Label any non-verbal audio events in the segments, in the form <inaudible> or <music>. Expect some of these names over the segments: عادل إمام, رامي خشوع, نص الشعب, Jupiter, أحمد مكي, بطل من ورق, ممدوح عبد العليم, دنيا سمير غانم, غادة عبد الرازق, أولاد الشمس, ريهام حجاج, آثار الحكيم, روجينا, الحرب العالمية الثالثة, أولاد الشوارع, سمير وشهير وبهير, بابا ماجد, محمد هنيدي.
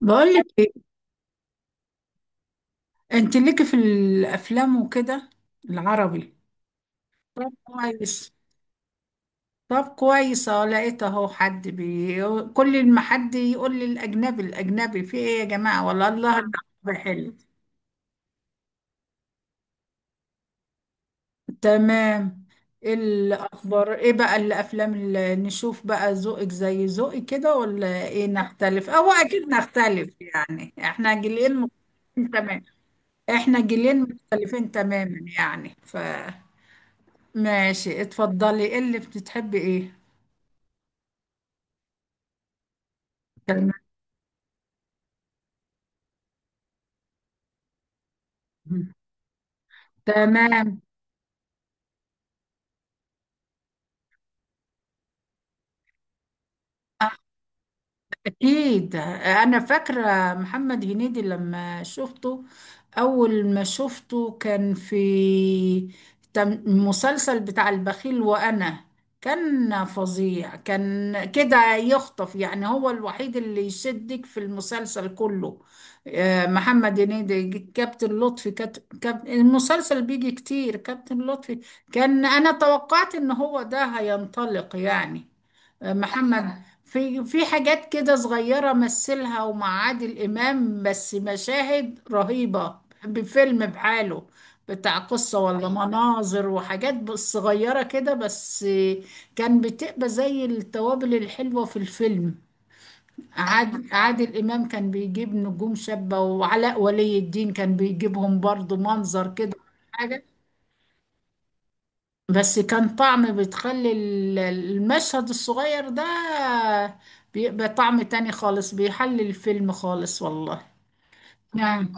بقولك ايه؟ انت ليكي في الافلام وكده؟ العربي؟ طب كويس. طب كويس، اهو لقيت اهو حد بي. كل ما حد يقول لي الاجنبي الاجنبي، في ايه يا جماعه؟ والله الله الأكبر، حلو. تمام. إيه الاخبار؟ ايه بقى الافلام اللي نشوف بقى؟ ذوقك زي ذوقي كده ولا ايه؟ نختلف او اكيد نختلف يعني، احنا جيلين مختلفين. تمام، احنا جيلين مختلفين تماما يعني. ف ماشي، اتفضلي، ايه اللي بتحبي؟ ايه؟ تمام. تمام. اه، أكيد أنا فاكرة محمد هنيدي لما شفته. أول ما شفته كان في مسلسل بتاع البخيل، وأنا كان فظيع، كان كده يخطف، يعني هو الوحيد اللي يشدك في المسلسل كله. آه، محمد هنيدي كابتن لطفي، المسلسل بيجي كتير كابتن لطفي. كان أنا توقعت إن هو ده هينطلق يعني. محمد في حاجات كده صغيرة مثلها، ومع عادل إمام بس مشاهد رهيبة، بفيلم بحاله، بتاع قصة ولا حقيقي، مناظر وحاجات بس صغيرة كده بس. كان بتبقى زي التوابل الحلوة في الفيلم. عادل إمام كان بيجيب نجوم شابة، وعلاء ولي الدين كان بيجيبهم برضو، منظر كده حاجة. بس كان طعم، بتخلي المشهد الصغير ده بيبقى طعم تاني خالص، بيحلي الفيلم خالص والله. نعم.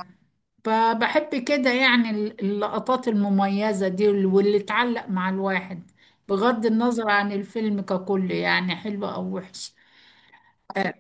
فبحب كده يعني اللقطات المميزة دي، واللي تعلق مع الواحد، بغض النظر عن الفيلم ككل يعني، حلو أو وحش. أه.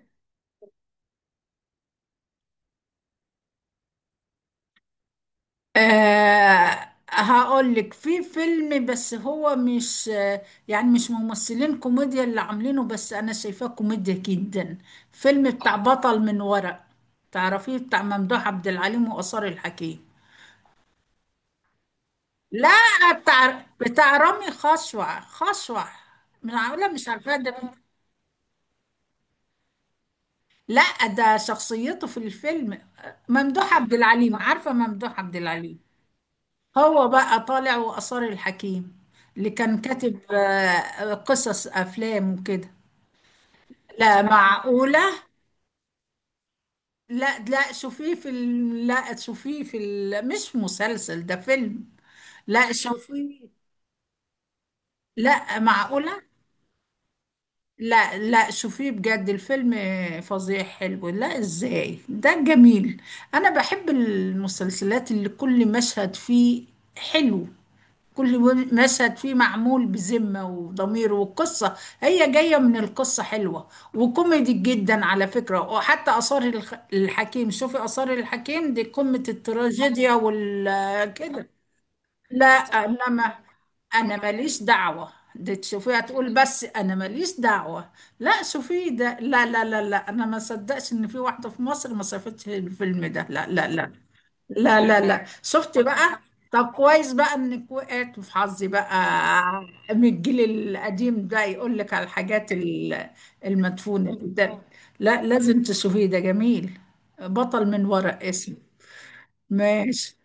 آه هقول لك، في فيلم، بس هو مش آه، يعني مش ممثلين كوميديا اللي عاملينه، بس انا شايفاه كوميديا جدا. فيلم بتاع بطل من ورق. تعرفيه؟ بتاع ممدوح عبد العليم وآثار الحكيم. لا، بتاع بتاع رامي خشوع، من عامله، مش عارفاه ده مين. لا ده شخصيته في الفيلم. ممدوح عبد العليم، عارفه ممدوح عبد العليم؟ هو بقى طالع وآثار الحكيم، اللي كان كاتب آه، قصص أفلام وكده. لا معقولة! لا لا شوفيه في ال... لا شوفيه في ال... مش مسلسل، ده فيلم. لا شوفيه، لا معقولة. لا لا شوفيه بجد، الفيلم فظيع حلو. لا ازاي، ده جميل! انا بحب المسلسلات اللي كل مشهد فيه حلو، كل مشهد فيه معمول بذمة وضمير، والقصة هي جاية من القصة حلوة، وكوميدي جدا على فكرة. وحتى آثار الحكيم، شوفي آثار الحكيم دي قمة التراجيديا وال كده. لا، إنما أنا ماليش دعوة، دي تشوفيها تقول بس أنا ماليش دعوة. لا شوفيه ده، لا لا لا لا، أنا ما صدقش إن في واحدة في مصر ما شافتش الفيلم ده، لا لا لا. لا لا لا شفت بقى. طب كويس بقى انك وقعت في حظي بقى، من الجيل القديم ده، يقول لك على الحاجات المدفونة دي. ده لا، لازم تشوفيه، ده جميل. بطل من ورق اسمه. ماشي.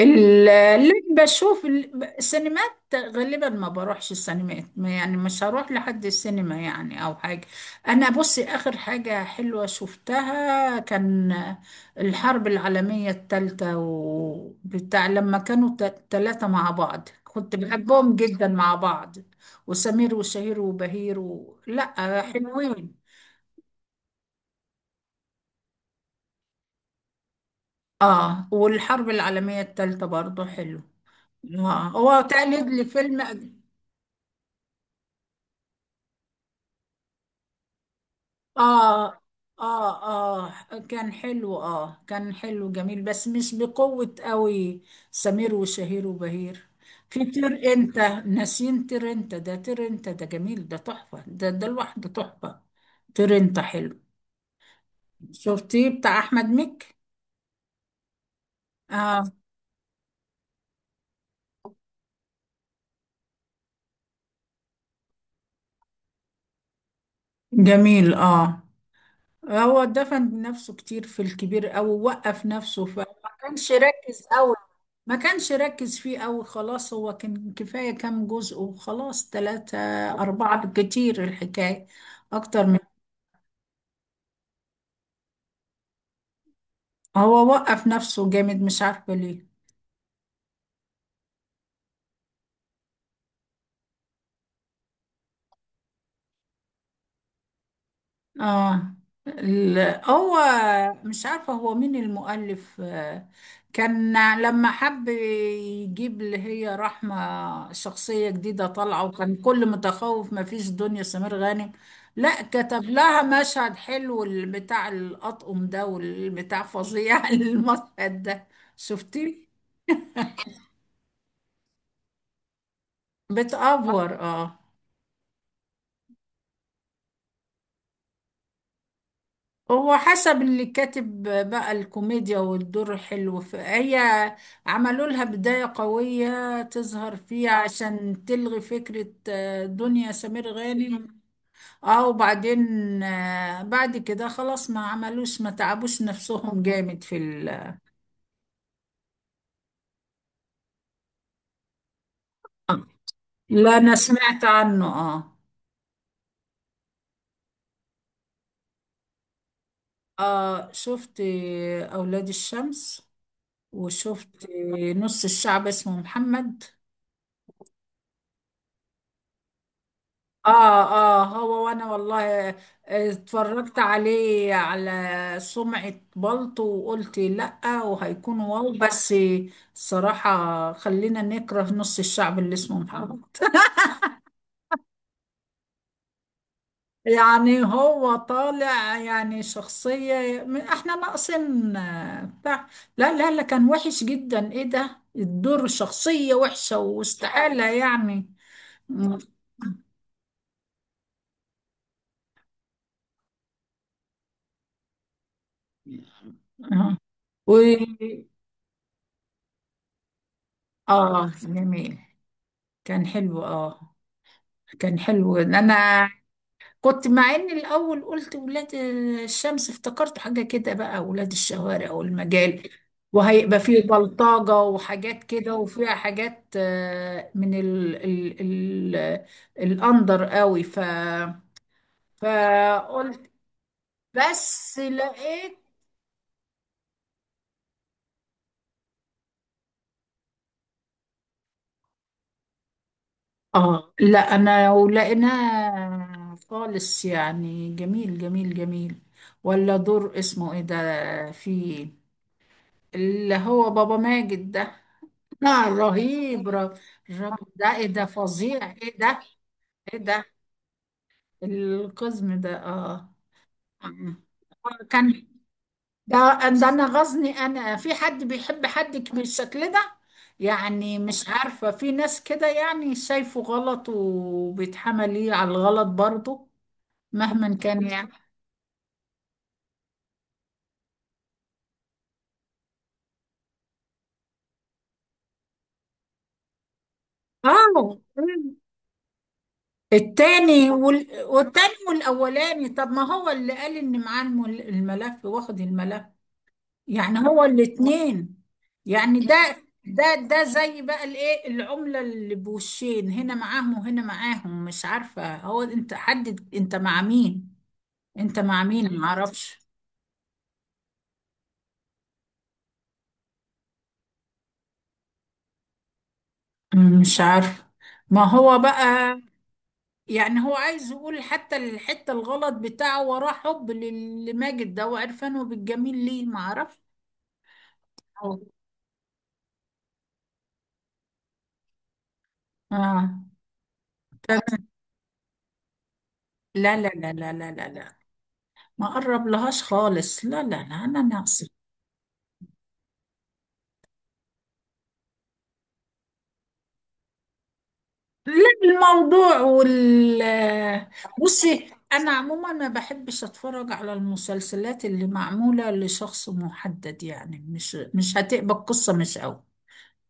اللي بشوف السينمات، غالبا ما بروحش السينمات، يعني مش هروح لحد السينما يعني او حاجة. انا بصي، اخر حاجة حلوة شفتها كان الحرب العالمية الثالثة، وبتاع لما كانوا ثلاثة مع بعض، كنت بحبهم جدا مع بعض. وسمير وشهير وبهير و... لا حلوين. اه والحرب العالمية الثالثة برضو حلو. آه، هو تقليد لفيلم. اه، اه، اه كان حلو. اه كان حلو جميل، بس مش بقوة قوي سمير وشهير وبهير. في طير انت، ناسين طير انت، ده طير انت ده جميل، ده تحفة، ده ده لوحده تحفة. طير انت حلو. شفتيه بتاع احمد مكي؟ اه جميل. اه هو دفن نفسه كتير في الكبير قوي، ووقف نفسه، فما كانش ركز قوي، ما كانش ركز فيه قوي. خلاص هو كان كفاية كام جزء وخلاص، تلاتة أربعة بالكتير الحكاية، أكتر من. هو وقف نفسه جامد، مش عارفة ليه. اه. هو مش عارفة هو مين المؤلف آه، كان لما حب يجيب اللي هي رحمة، شخصية جديدة طالعة، وكان كل متخوف ما فيش دنيا سمير غانم، لا كتب لها مشهد حلو، بتاع الأطقم ده والبتاع، فظيع <laughs> المشهد ده. شفتيه؟ بتأفور اه. هو حسب اللي كاتب بقى الكوميديا والدور حلو، فهي عملوا لها بداية قوية تظهر فيها عشان تلغي فكرة آه، دنيا سمير غانم. اه وبعدين آه، بعد كده خلاص، ما عملوش، ما تعبوش نفسهم جامد في ال. لا انا سمعت عنه اه. اه شفت آه، اولاد الشمس، وشفت آه، نص الشعب اسمه محمد. اه. اه هو وانا والله آه، اتفرجت عليه على سمعة بلطو، وقلت لأ وهيكون واو، بس الصراحة خلينا نكره نص الشعب اللي اسمه محمد. يعني هو طالع يعني شخصية احنا ناقصين آه، بتاع. لا لا لا كان وحش جدا، ايه ده الدور؟ شخصية وحشة واستحالة يعني. م- آه. و اه جميل، كان حلو. اه كان حلو، انا كنت مع ان الاول قلت ولاد الشمس، افتكرت حاجه كده بقى، ولاد الشوارع والمجال، وهيبقى فيه بلطجه وحاجات كده، وفيها حاجات آه، من ال ال ال الاندر قوي، ف فقلت، بس لقيت اه، لا انا ولقيناها خالص يعني. جميل جميل جميل. ولا دور اسمه ايه ده فيه، اللي هو بابا ماجد ده، آه رهيب <laughs> ر- الراجل ده، ايه ده فظيع، ايه ده، ايه ده، القزم ده اه. آه. كان ده ده، نغزني انا في حد بيحب حد بالشكل ده، يعني مش عارفة في ناس كده، يعني شايفه غلط وبيتحمل ليه على الغلط برضه، مهما كان يعني. اه. التاني وال... والتاني والاولاني، طب ما هو اللي قال ان معاه الملف واخد الملف، يعني هو الاتنين، يعني ده ده، ده زي بقى الايه، العملة اللي بوشين، هنا معاهم وهنا معاهم. مش عارفة، هو انت حدد انت مع مين، انت مع مين؟ معرفش. مم، مش عارفة. ما هو بقى، يعني هو عايز يقول حتى الحتة الغلط بتاعه، وراه حب لماجد ده وعرفانه بالجميل ليه؟ معرفش. اه. آه. تمام. لا لا لا لا لا لا لا، ما قرب لهاش خالص، لا لا لا، انا ناقص. لا، الموضوع وال، بصي انا عموما ما بحبش اتفرج على المسلسلات اللي معموله لشخص محدد، يعني مش مش هتقبل قصه مش قوي،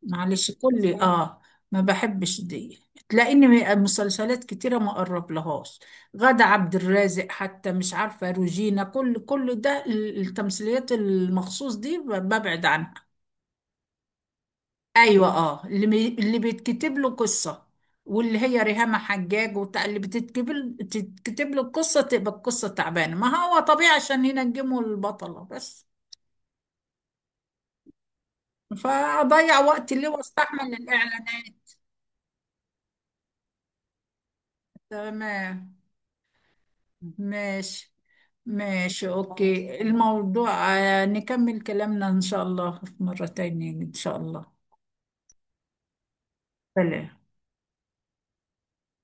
معلش كل اه ما بحبش دي. تلاقيني مسلسلات كتيره ما اقرب لهاش، غادة عبد الرازق حتى، مش عارفه روجينا، كل كل ده التمثيليات المخصوص دي ببعد عنها. ايوه، اه اللي بي... اللي بيتكتب له قصه، واللي هي ريهام حجاج وبتاع، اللي بتتكتب تتكتب له القصه تبقى القصه تعبانه، ما هو طبيعي عشان ينجموا البطله بس. فاضيع وقتي ليه واستحمل الاعلانات؟ تمام. ماشي. ماشي اوكي، الموضوع آه، نكمل كلامنا ان شاء الله في مره تانية ان شاء الله. سلام.